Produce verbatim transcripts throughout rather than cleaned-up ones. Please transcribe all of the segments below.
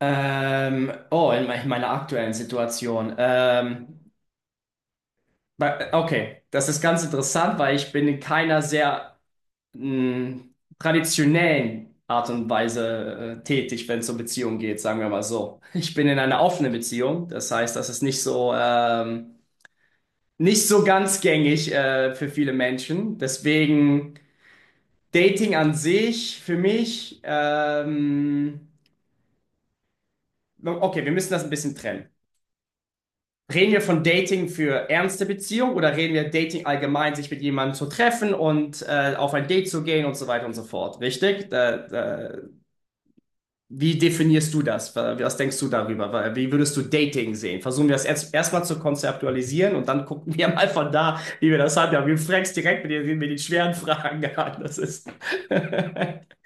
Ähm, oh, in, me in meiner aktuellen Situation. Ähm, bei- okay, das ist ganz interessant, weil ich bin in keiner sehr mh, traditionellen Art und Weise äh, tätig, wenn es um Beziehungen geht, sagen wir mal so. Ich bin in einer offenen Beziehung, das heißt, das ist nicht so ähm, nicht so ganz gängig äh, für viele Menschen. Deswegen Dating an sich für mich. Ähm, okay, wir müssen das ein bisschen trennen. Reden wir von Dating für ernste Beziehung oder reden wir Dating allgemein, sich mit jemandem zu treffen und äh, auf ein Date zu gehen und so weiter und so fort? Richtig? Da, da, wie definierst du das? Was denkst du darüber? Wie würdest du Dating sehen? Versuchen wir das erst erstmal zu konzeptualisieren und dann gucken wir mal von da, wie wir das haben. Ja, wir fragst direkt mit den, mit den schweren Fragen an. Das ist.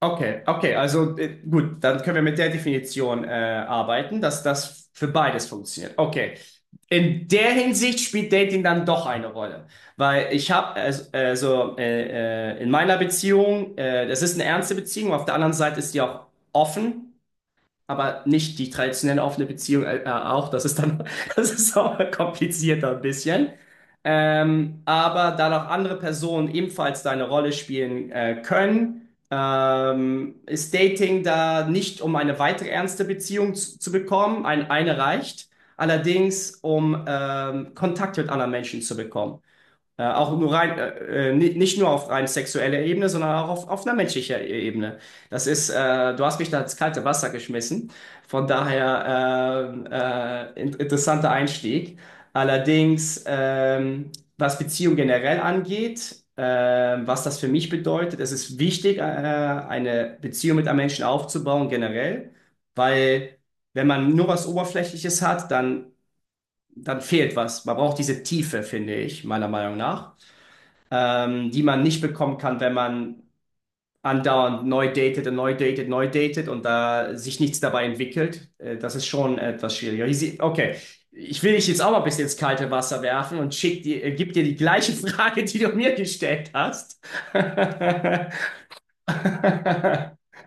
Okay, okay, also äh, gut, dann können wir mit der Definition äh, arbeiten, dass das für beides funktioniert. Okay, in der Hinsicht spielt Dating dann doch eine Rolle, weil ich habe also also, äh, äh, in meiner Beziehung, äh, das ist eine ernste Beziehung, auf der anderen Seite ist die auch offen, aber nicht die traditionelle offene Beziehung äh, äh, auch. Das ist dann, das ist auch komplizierter ein bisschen. Ähm, aber da noch andere Personen ebenfalls da eine Rolle spielen äh, können, ähm, ist Dating da nicht, um eine weitere ernste Beziehung zu, zu bekommen. Ein, eine reicht. Allerdings, um ähm, Kontakt mit anderen Menschen zu bekommen. Äh, auch nur rein, äh, äh, ni- nicht nur auf rein sexueller Ebene, sondern auch auf, auf einer menschlicher Ebene. Das ist, äh, du hast mich da ins kalte Wasser geschmissen. Von daher ähm, äh, in, interessanter Einstieg. Allerdings, ähm, was Beziehung generell angeht, ähm, was das für mich bedeutet, es ist wichtig, äh, eine Beziehung mit einem Menschen aufzubauen, generell, weil wenn man nur was Oberflächliches hat, dann, dann fehlt was. Man braucht diese Tiefe, finde ich, meiner Meinung nach ähm, die man nicht bekommen kann, wenn man andauernd neu datet und neu datet, neu datet und da sich nichts dabei entwickelt. Äh, das ist schon etwas schwieriger. Hier sie- Okay, ich will dich jetzt auch mal ein bisschen ins kalte Wasser werfen und schick dir, äh, gib dir die gleiche Frage, die du mir gestellt hast.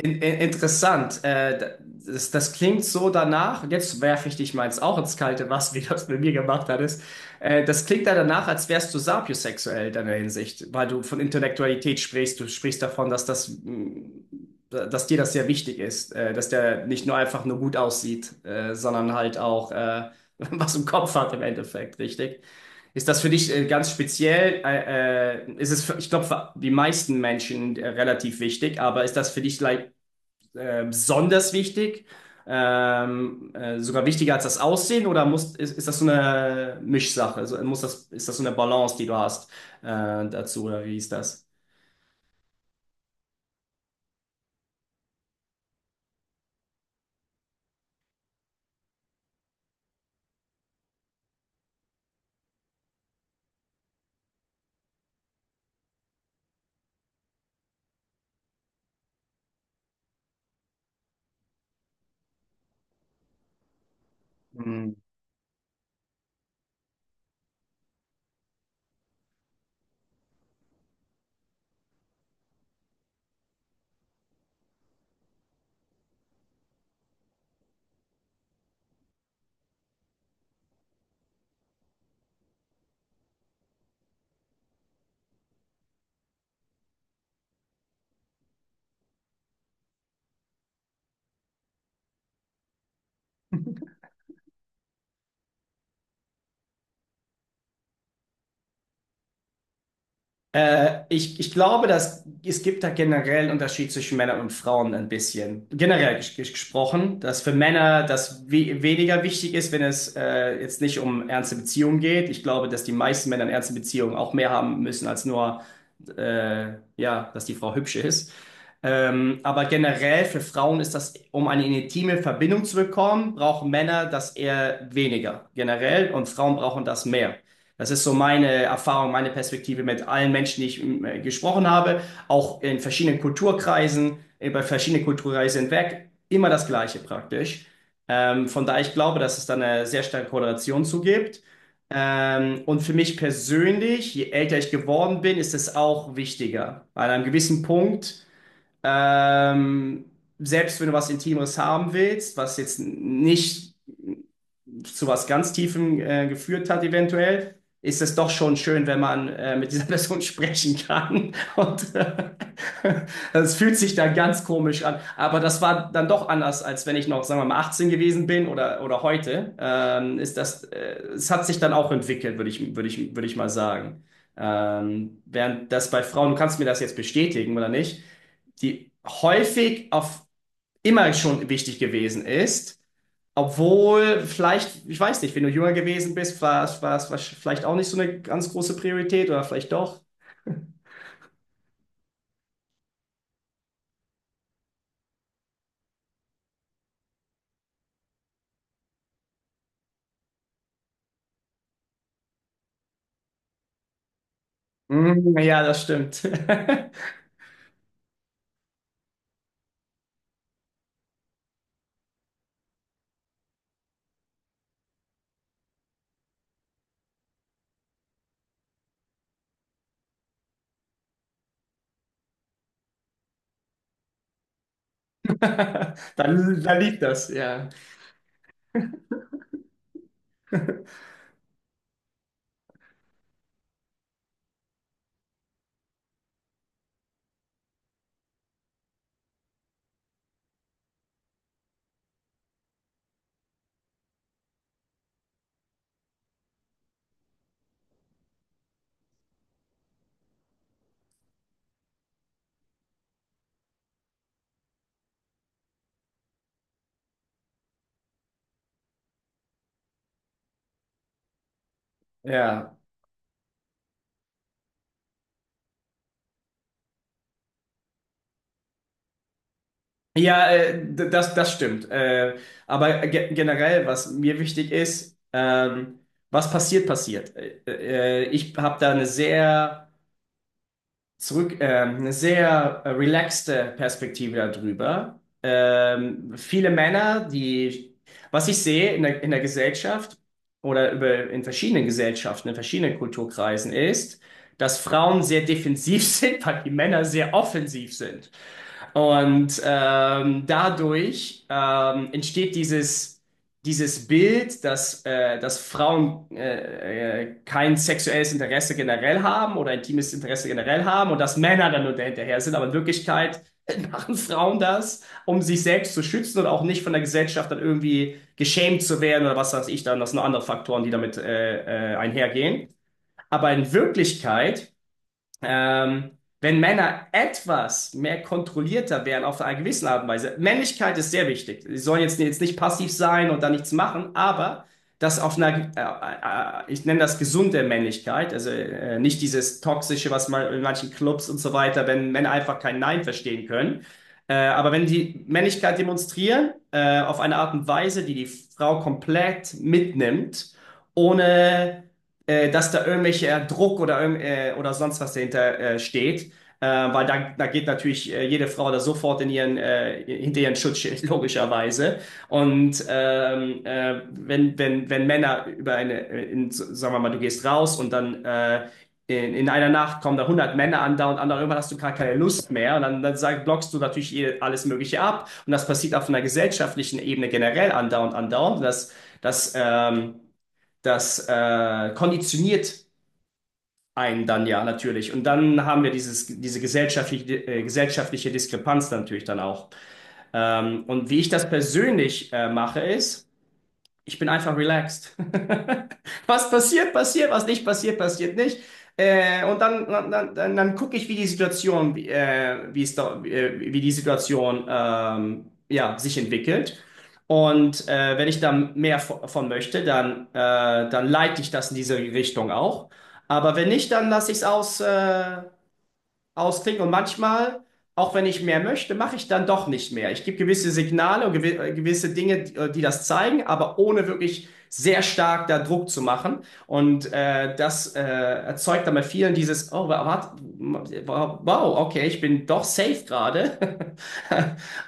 In, in, interessant. Äh, das, das klingt so danach, und jetzt werfe ich dich meins auch ins kalte Wasser, wie du das mit mir gemacht hattest. Äh, das klingt ja danach, als wärst du sapiosexuell in deiner Hinsicht, weil du von Intellektualität sprichst. Du sprichst davon, dass das, mh, dass dir das sehr wichtig ist, äh, dass der nicht nur einfach nur gut aussieht, äh, sondern halt auch äh, was im Kopf hat im Endeffekt, richtig? Ist das für dich äh, ganz speziell? Äh, äh, ist es für, ich glaube, für die meisten Menschen äh, relativ wichtig, aber ist das für dich like, äh, besonders wichtig? Ähm, äh, sogar wichtiger als das Aussehen oder muss, ist, ist das so eine Mischsache? Also muss das, ist das so eine Balance, die du hast äh, dazu oder wie ist das? Äh, ich, ich glaube, dass es gibt da generell einen Unterschied zwischen Männern und Frauen ein bisschen. Generell ges ges- gesprochen, dass für Männer das we weniger wichtig ist, wenn es äh, jetzt nicht um ernste Beziehungen geht. Ich glaube, dass die meisten Männer in ernsten Beziehungen auch mehr haben müssen als nur, äh, ja, dass die Frau hübsch ist. Ähm, aber generell für Frauen ist das, um eine intime Verbindung zu bekommen, brauchen Männer das eher weniger generell und Frauen brauchen das mehr. Das ist so meine Erfahrung, meine Perspektive mit allen Menschen, die ich äh, gesprochen habe, auch in verschiedenen Kulturkreisen, über verschiedene Kulturkreise hinweg, immer das Gleiche praktisch. Ähm, von daher, ich glaube, dass es da eine sehr starke Korrelation zu gibt. Ähm, und für mich persönlich, je älter ich geworden bin, ist es auch wichtiger. An einem gewissen Punkt, ähm, selbst wenn du was Intimeres haben willst, was jetzt nicht zu was ganz Tiefem äh, geführt hat, eventuell, ist es doch schon schön, wenn man äh, mit dieser Person sprechen kann. Und es äh, fühlt sich dann ganz komisch an. Aber das war dann doch anders, als wenn ich noch, sagen wir mal, achtzehn gewesen bin oder, oder heute. Ähm, ist das, äh, es hat sich dann auch entwickelt, würde ich, würde ich, würde ich mal sagen. Ähm, während das bei Frauen, du kannst mir das jetzt bestätigen oder nicht, die häufig auf immer schon wichtig gewesen ist. Obwohl, vielleicht, ich weiß nicht, wenn du jünger gewesen bist, war es war es war es vielleicht auch nicht so eine ganz große Priorität oder vielleicht doch. Mm, ja, das stimmt. Dann, dann liegt das, ja. Ja, ja, äh, d- das, das stimmt. Äh, aber ge generell, was mir wichtig ist, ähm, was passiert, passiert. Äh, äh, ich habe da eine sehr zurück, ähm, eine sehr äh, relaxte Perspektive darüber. Ähm, viele Männer, die, was ich sehe in der, in der Gesellschaft oder über, in verschiedenen Gesellschaften, in verschiedenen Kulturkreisen ist, dass Frauen sehr defensiv sind, weil die Männer sehr offensiv sind. Und ähm, dadurch ähm, entsteht dieses, dieses Bild, dass, äh, dass Frauen äh, äh, kein sexuelles Interesse generell haben oder intimes Interesse generell haben und dass Männer dann nur hinterher sind. Aber in Wirklichkeit machen Frauen das, um sich selbst zu schützen und auch nicht von der Gesellschaft dann irgendwie geschämt zu werden oder was weiß ich dann. Das sind noch andere Faktoren, die damit äh, äh, einhergehen. Aber in Wirklichkeit ähm, wenn Männer etwas mehr kontrollierter wären auf einer gewissen Art und Weise, Männlichkeit ist sehr wichtig. Sie sollen jetzt, jetzt nicht passiv sein und da nichts machen, aber das auf einer, äh, äh, ich nenne das gesunde Männlichkeit, also äh, nicht dieses toxische, was man in manchen Clubs und so weiter, wenn Männer einfach kein Nein verstehen können. Äh, aber wenn die Männlichkeit demonstrieren, äh, auf eine Art und Weise, die die Frau komplett mitnimmt, ohne äh, dass da irgendwelcher Druck oder, irgend- äh, oder sonst was dahinter äh, steht. Äh, weil da, da geht natürlich äh, jede Frau da sofort in ihren, äh, hinter ihren Schutzschild, logischerweise. Und ähm, äh, wenn, wenn, wenn Männer über eine, äh, in, so- sagen wir mal, du gehst raus und dann äh, in, in einer Nacht kommen da hundert Männer an, da und an, irgendwann hast du gar keine Lust mehr. Und dann, dann sag, blockst du natürlich eh alles Mögliche ab. Und das passiert auf einer gesellschaftlichen Ebene generell andauernd, andauernd. Das, das, ähm, das äh, konditioniert einen dann ja natürlich. Und dann haben wir dieses, diese gesellschaftliche, äh, gesellschaftliche Diskrepanz natürlich dann auch. Ähm, und wie ich das persönlich äh, mache, ist, ich bin einfach relaxed. Was passiert, passiert, was nicht passiert, passiert nicht. Äh, und dann, dann, dann, dann dann gucke ich, wie die Situation, wie, äh, wie, es da, äh, wie die Situation ähm, ja, sich entwickelt. Und äh, wenn ich da mehr vo- von möchte, dann, äh, dann leite ich das in diese Richtung auch. Aber wenn nicht, dann lasse ich es aus, äh, ausklingt. Und manchmal, auch wenn ich mehr möchte, mache ich dann doch nicht mehr. Ich gebe gewisse Signale und gewi- äh, gewisse Dinge, die, äh, die das zeigen, aber ohne wirklich sehr stark da Druck zu machen. Und äh, das äh, erzeugt dann bei vielen dieses, oh, wa- warte, wow, okay, ich bin doch safe gerade.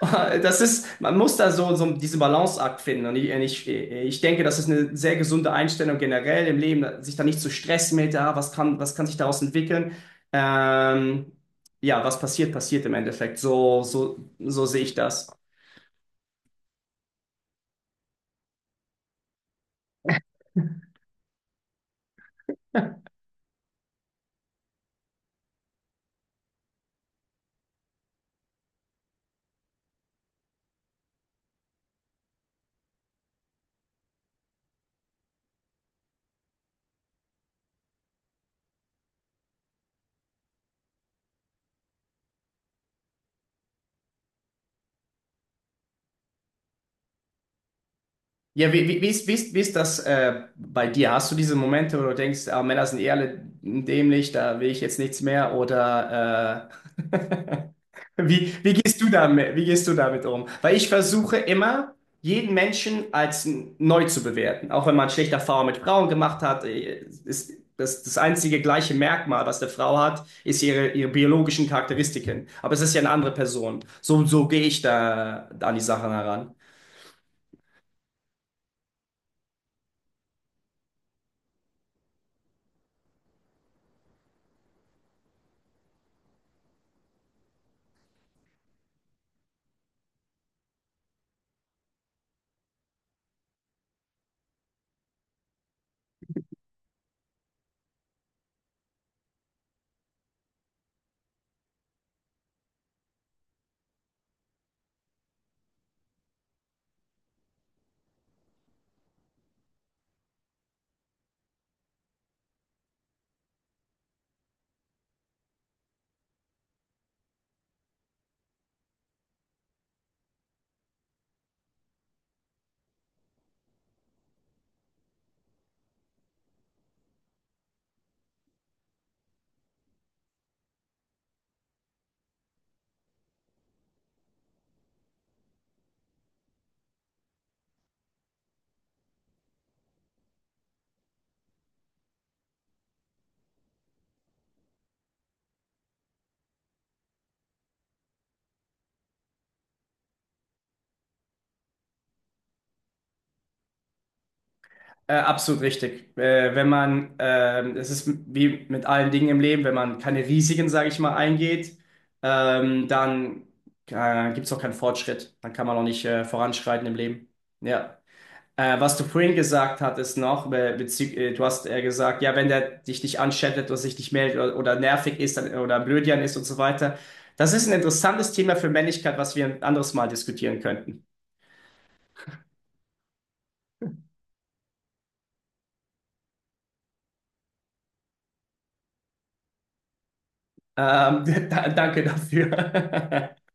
Das ist, man muss da so, so diesen Balanceakt finden. Und ich, ich, ich denke, das ist eine sehr gesunde Einstellung generell im Leben, sich da nicht zu stressen mit, ah, was kann, was kann sich daraus entwickeln. Ähm, ja, was passiert, passiert im Endeffekt. So, so, so sehe ich das. Ja, wie, wie, wie ist, wie ist, wie ist das äh, bei dir? Hast du diese Momente, wo du denkst, ah, Männer sind eh alle dämlich, da will ich jetzt nichts mehr? Oder äh, Wie, wie gehst du damit, wie gehst du damit um? Weil ich versuche immer, jeden Menschen als n- neu zu bewerten. Auch wenn man schlechte Erfahrungen mit Frauen gemacht hat, äh, ist das, das einzige gleiche Merkmal, was eine Frau hat, ist ihre, ihre biologischen Charakteristiken. Aber es ist ja eine andere Person. So, so gehe ich da an die Sachen heran. Äh, absolut richtig. Äh, wenn man, ähm, es ist wie mit allen Dingen im Leben, wenn man keine Risiken, sage ich mal, eingeht, ähm, dann äh, gibt es auch keinen Fortschritt. Dann kann man auch nicht äh, voranschreiten im Leben. Ja. Äh, was du vorhin gesagt hattest noch, be bezü- äh, du hast äh, gesagt, ja, wenn der dich nicht anschattet oder sich nicht meldet oder, oder nervig ist dann, oder blödian ist und so weiter. Das ist ein interessantes Thema für Männlichkeit, was wir ein anderes Mal diskutieren könnten. Ähm, da, danke dafür.